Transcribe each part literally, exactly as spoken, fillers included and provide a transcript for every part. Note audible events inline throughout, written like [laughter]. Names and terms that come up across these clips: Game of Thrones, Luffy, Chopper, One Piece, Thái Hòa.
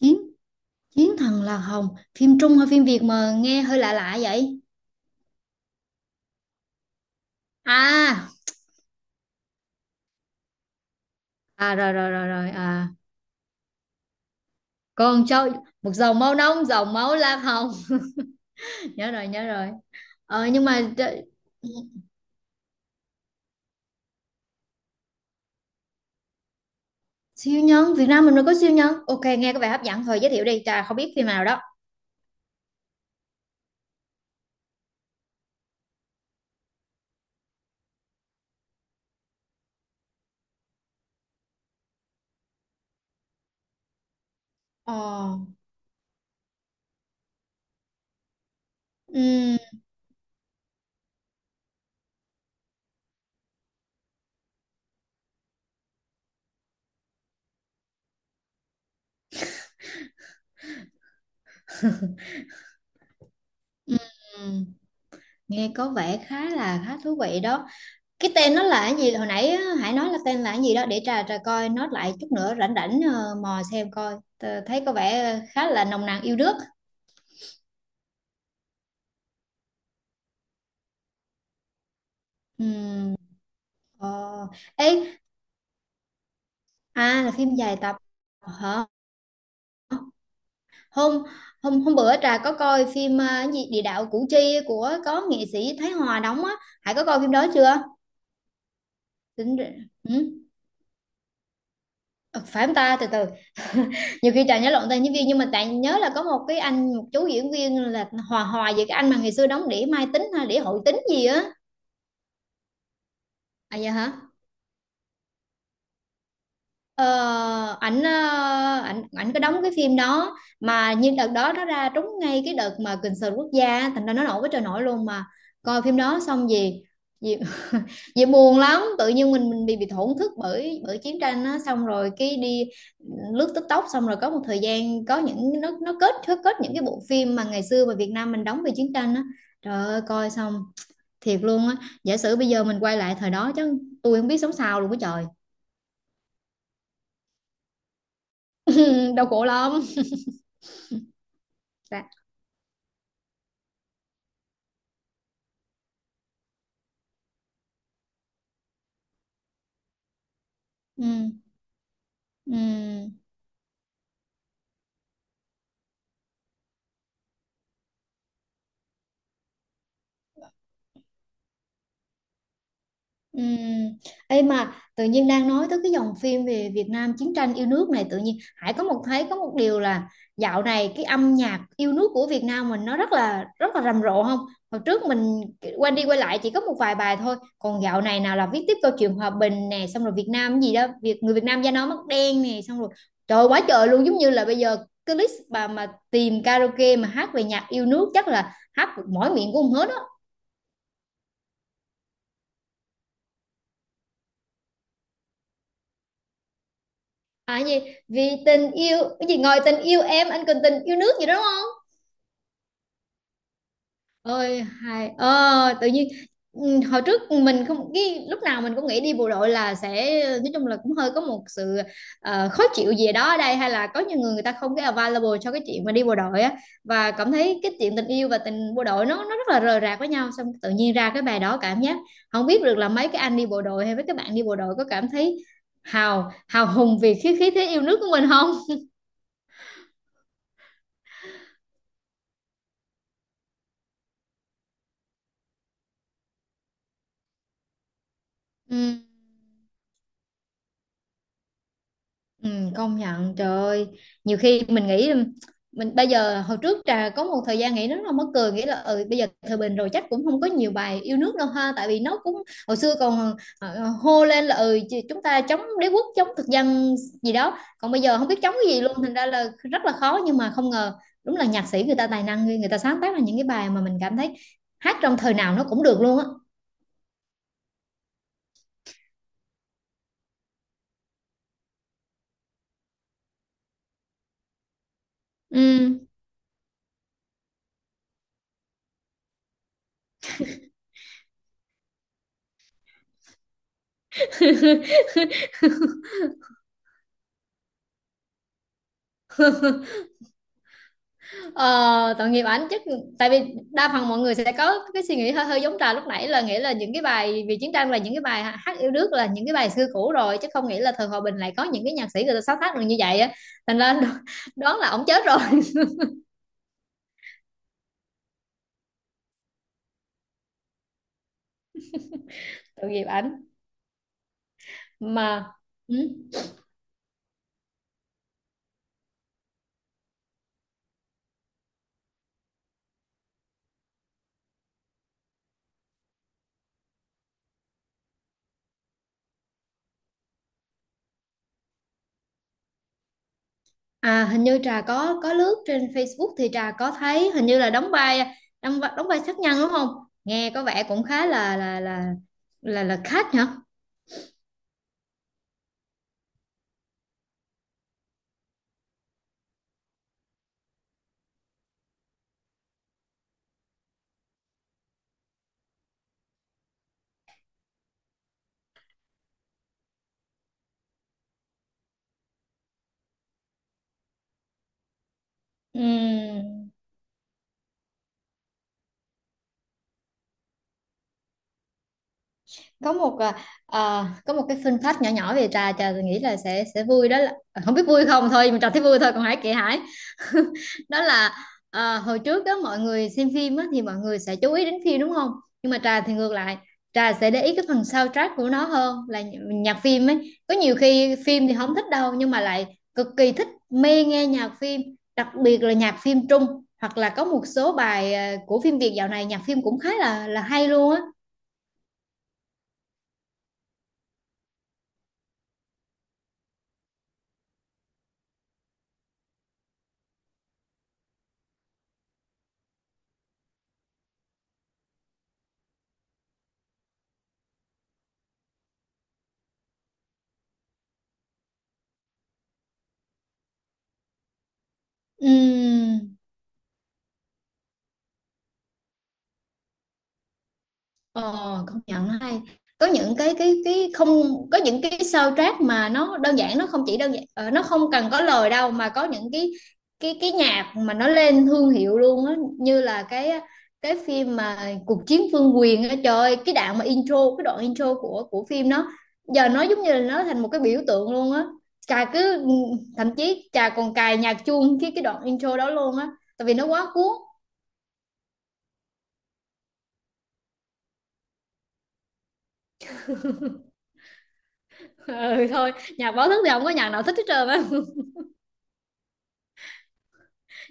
Chiến chiến thần là hồng, phim Trung hay phim Việt mà nghe hơi lạ lạ vậy? À à. Rồi rồi rồi rồi À, con trâu một dòng máu nóng, dòng máu lam hồng. [laughs] Nhớ rồi, nhớ rồi. ờ nhưng mà tr- Siêu nhân Việt Nam mình mới có siêu nhân. Ok, nghe có vẻ hấp dẫn, thôi giới thiệu đi, trà không biết phim nào đó. ờ ừm, ừm, Nghe có vẻ khá là khá thú vị đó. Cái tên nó là cái gì hồi nãy á, Hải nói là tên là cái gì đó để trà trà coi nó lại, chút nữa rảnh rảnh ờ, mò xem coi. Tờ- thấy có vẻ khá là nồng nàn yêu nước. Ừm. Ờ. Ê, à là phim dài tập hả? Hôm hôm Hôm bữa trà có coi phim ờ, cái gì địa đạo Củ Chi của có nghệ sĩ Thái Hòa đóng á, Hải có coi phim đó chưa? Tính- ừ? Ờ, phải không ta, từ từ, nhiều khi trời nhớ lộn tên diễn viên, nhưng mà tại nhớ là có một cái anh, một chú diễn viên là hòa hòa về cái anh mà ngày xưa đóng đĩa Mai Tính hay đĩa Hội Tính gì á. À dạ hả. Ờ, ảnh ờ, ảnh ảnh có đóng cái phim đó, mà như đợt đó nó ra trúng ngay cái đợt mà kình sờn quốc gia á, thành ra nó nổi với trời nổi luôn mà. Coi phim đó xong gì, gì, [laughs] gì buồn lắm, tự nhiên mình mình bị bị thổn thức bởi bởi chiến tranh á, xong rồi cái đi lướt TikTok, xong rồi có một thời gian có những, nó nó kết nó kết những cái bộ phim mà ngày xưa mà Việt Nam mình đóng về chiến tranh á. Trời ơi, coi xong thiệt luôn á, giả sử bây giờ mình quay lại thời đó chứ tôi không biết sống sao luôn á trời. [laughs] Đau khổ lắm. Ừ, ừ, ừ. Ê mà tự nhiên đang nói tới cái dòng phim về Việt Nam chiến tranh yêu nước này, tự nhiên Hải có một thấy có một điều là dạo này cái âm nhạc yêu nước của Việt Nam mình nó rất là rất là rầm rộ không? Hồi trước mình quay đi quay lại chỉ có một vài bài thôi, còn dạo này nào là viết tiếp câu chuyện hòa bình nè, xong rồi Việt Nam gì đó, Việt người Việt Nam da nó mắt đen nè, xong rồi trời ơi, quá trời luôn, giống như là bây giờ cái list bà mà tìm karaoke mà hát về nhạc yêu nước chắc là hát mỗi miệng cũng không hết. À gì, vì tình yêu cái gì ngồi tình yêu em anh cần tình yêu nước gì đó đúng không? Ôi hài ờ, tự nhiên ừ, hồi trước mình không, cái lúc nào mình cũng nghĩ đi bộ đội là sẽ nói chung là cũng hơi có một sự ờ, khó chịu gì đó ở đây, hay là có nhiều người, người ta không cái available cho cái chuyện mà đi bộ đội á, và cảm thấy cái chuyện tình yêu và tình bộ đội nó nó rất là rời rạc với nhau, xong tự nhiên ra cái bài đó cảm giác không biết được là mấy cái anh đi bộ đội hay mấy các bạn đi bộ đội có cảm thấy hào hào hùng vì khí khí thế yêu nước của mình không? Ừ. Ừ, công nhận trời ơi. Nhiều khi mình nghĩ mình bây giờ, hồi trước trà có một thời gian nghĩ nó là mắc cười, nghĩ là ừ bây giờ thời bình rồi chắc cũng không có nhiều bài yêu nước đâu ha, tại vì nó cũng hồi xưa còn ờ, ờ, hô lên là ừ chị- chúng ta chống đế quốc chống thực dân gì đó, còn bây giờ không biết chống cái gì luôn, thành ra là rất là khó, nhưng mà không ngờ đúng là nhạc sĩ người ta tài năng ghê, người ta sáng tác ra những cái bài mà mình cảm thấy hát trong thời nào nó cũng được luôn á. Ừ. [laughs] Ờ, tội nghiệp ảnh chứ, tại vì đa phần mọi người sẽ có cái suy nghĩ hơi hơi giống trà lúc nãy, là nghĩa là những cái bài vì chiến tranh, là những cái bài hát yêu nước là những cái bài xưa cũ rồi, chứ không nghĩ là thời hòa bình lại có những cái nhạc sĩ người ta sáng tác được như vậy á. Thành ra đoán là ổng chết rồi. [laughs] Tội nghiệp ảnh mà. Ừ. À hình như trà có có lướt trên Facebook thì trà có thấy hình như là đóng vai, đóng, vai- đóng vai sát nhân đúng không, nghe có vẻ cũng khá là là là là là khách hả. Ừ. Có một à, à, có một cái fun fact nhỏ nhỏ về trà, trà nghĩ là sẽ sẽ vui đó là ờ, không biết vui không thôi mình trà thấy vui thôi còn Hải kệ Hải. [laughs] Đó là à, hồi trước đó mọi người xem phim á, thì mọi người sẽ chú ý đến phim đúng không, nhưng mà trà thì ngược lại, trà sẽ để ý cái phần soundtrack của nó hơn là nh- nhạc phim ấy, có nhiều khi phim thì không thích đâu nhưng mà lại cực kỳ thích mê nghe nhạc phim, đặc biệt là nhạc phim Trung hoặc là có một số bài à, của phim Việt dạo này nhạc phim cũng khá là là hay luôn á. Ừm. Ờ, công nhận hay, có những cái cái cái không, có những cái soundtrack mà nó đơn giản, nó không chỉ đơn giản ờ, nó không cần có lời đâu, mà có những cái cái cái nhạc mà nó lên thương hiệu luôn á, như là cái cái phim mà cuộc chiến vương quyền á, trời ơi, cái đoạn mà intro, cái đoạn intro của của phim đó giờ nó giống như là nó thành một cái biểu tượng luôn á. Trà cứ, thậm chí Trà còn cài nhạc chuông cái cái đoạn intro đó luôn á, tại vì nó quá cuốn. [laughs] Ừ thôi, nhạc báo thức thì không có nhạc nào thích hết trơn á.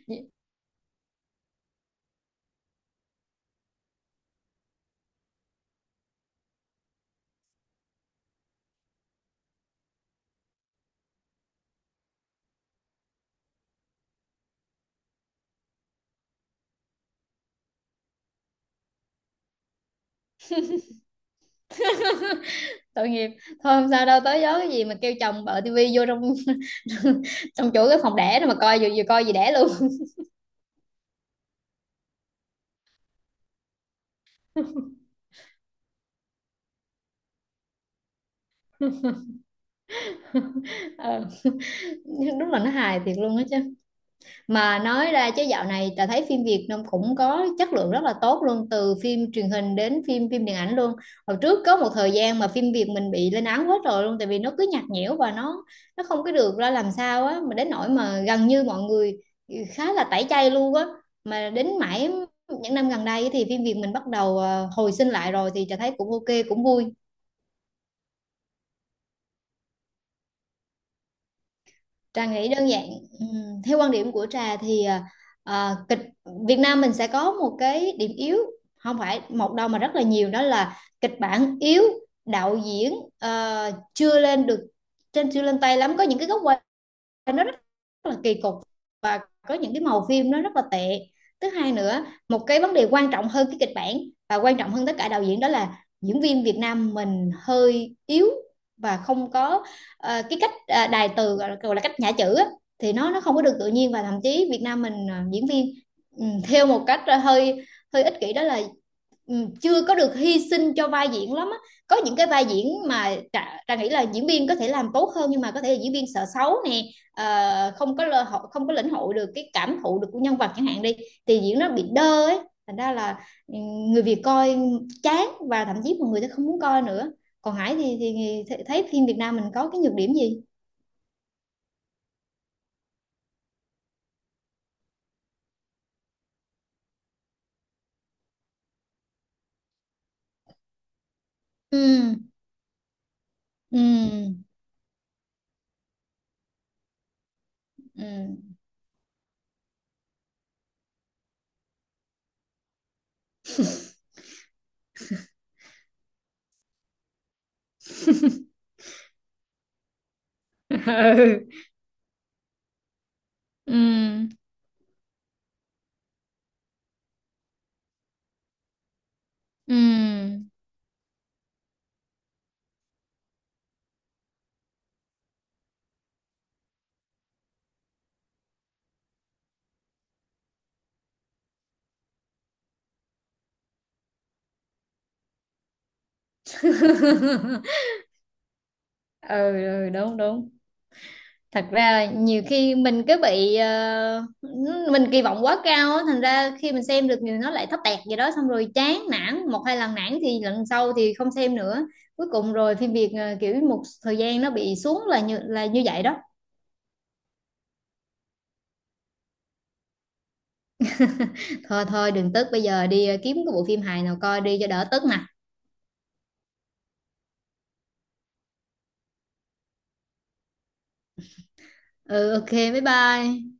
[laughs] Tội nghiệp thôi, không sao đâu, tới gió cái gì mà kêu chồng bợ tivi vô trong [laughs] trong chỗ cái phòng đẻ đó mà coi, vừa vừa coi gì đẻ luôn. [laughs] Ờ, nhưng đúng là nó hài thiệt luôn á chứ, mà nói ra chứ dạo này ta thấy phim Việt nó cũng có chất lượng rất là tốt luôn, từ phim truyền hình đến phim phim điện ảnh luôn. Hồi trước có một thời gian mà phim Việt mình bị lên án hết rồi luôn, tại vì nó cứ nhạt nhẽo và nó nó không có được ra làm sao á, mà đến nỗi mà gần như mọi người khá là tẩy chay luôn á, mà đến mãi những năm gần đây thì phim Việt mình bắt đầu ờ, hồi sinh lại rồi thì ta thấy cũng ok cũng vui. Trà nghĩ đơn giản, ừm, theo quan điểm của Trà thì à, à, kịch Việt Nam mình sẽ có một cái điểm yếu, không phải một đâu mà rất là nhiều, đó là kịch bản yếu, đạo diễn ờ, chưa lên được, trên chưa lên tay lắm, có những cái góc nó rất là kỳ cục, và có những cái màu phim nó rất là tệ. Thứ hai nữa, một cái vấn đề quan trọng hơn cái kịch bản và quan trọng hơn tất cả đạo diễn, đó là diễn viên Việt Nam mình hơi yếu, và không có ờ, cái cách ờ, đài từ gọi là, cách nhả chữ á, thì nó nó không có được tự nhiên, và thậm chí Việt Nam mình ờ, diễn viên ừ, theo một cách ờ, hơi hơi ích kỷ, đó là ừ, chưa có được hy sinh cho vai diễn lắm á. Có những cái vai diễn mà ta nghĩ là diễn viên có thể làm tốt hơn, nhưng mà có thể là diễn viên sợ xấu nè, ờ, không có lơ hội, không có lĩnh hội được cái cảm thụ được của nhân vật chẳng hạn đi, thì diễn nó bị đơ ấy, thành ra là ừ, người Việt coi chán và thậm chí mọi người sẽ không muốn coi nữa. Còn Hải thì, thì, thấy phim Việt Nam mình có cái nhược điểm gì? Ừ, ừ, ừ. [laughs] Ừ, ừ, ừ, ừ, ừ, đúng đúng. Thật ra là nhiều khi mình cứ bị ờ, mình kỳ vọng quá cao á, thành ra khi mình xem được nhiều nó lại thấp tẹt gì đó, xong rồi chán nản, một hai lần nản thì lần sau thì không xem nữa, cuối cùng rồi phim Việt ờ, kiểu một thời gian nó bị xuống là như là như vậy đó. Thôi thôi đừng tức, bây giờ đi ờ, kiếm cái bộ phim hài nào coi đi cho đỡ tức nè. Ừ ok, bye bye.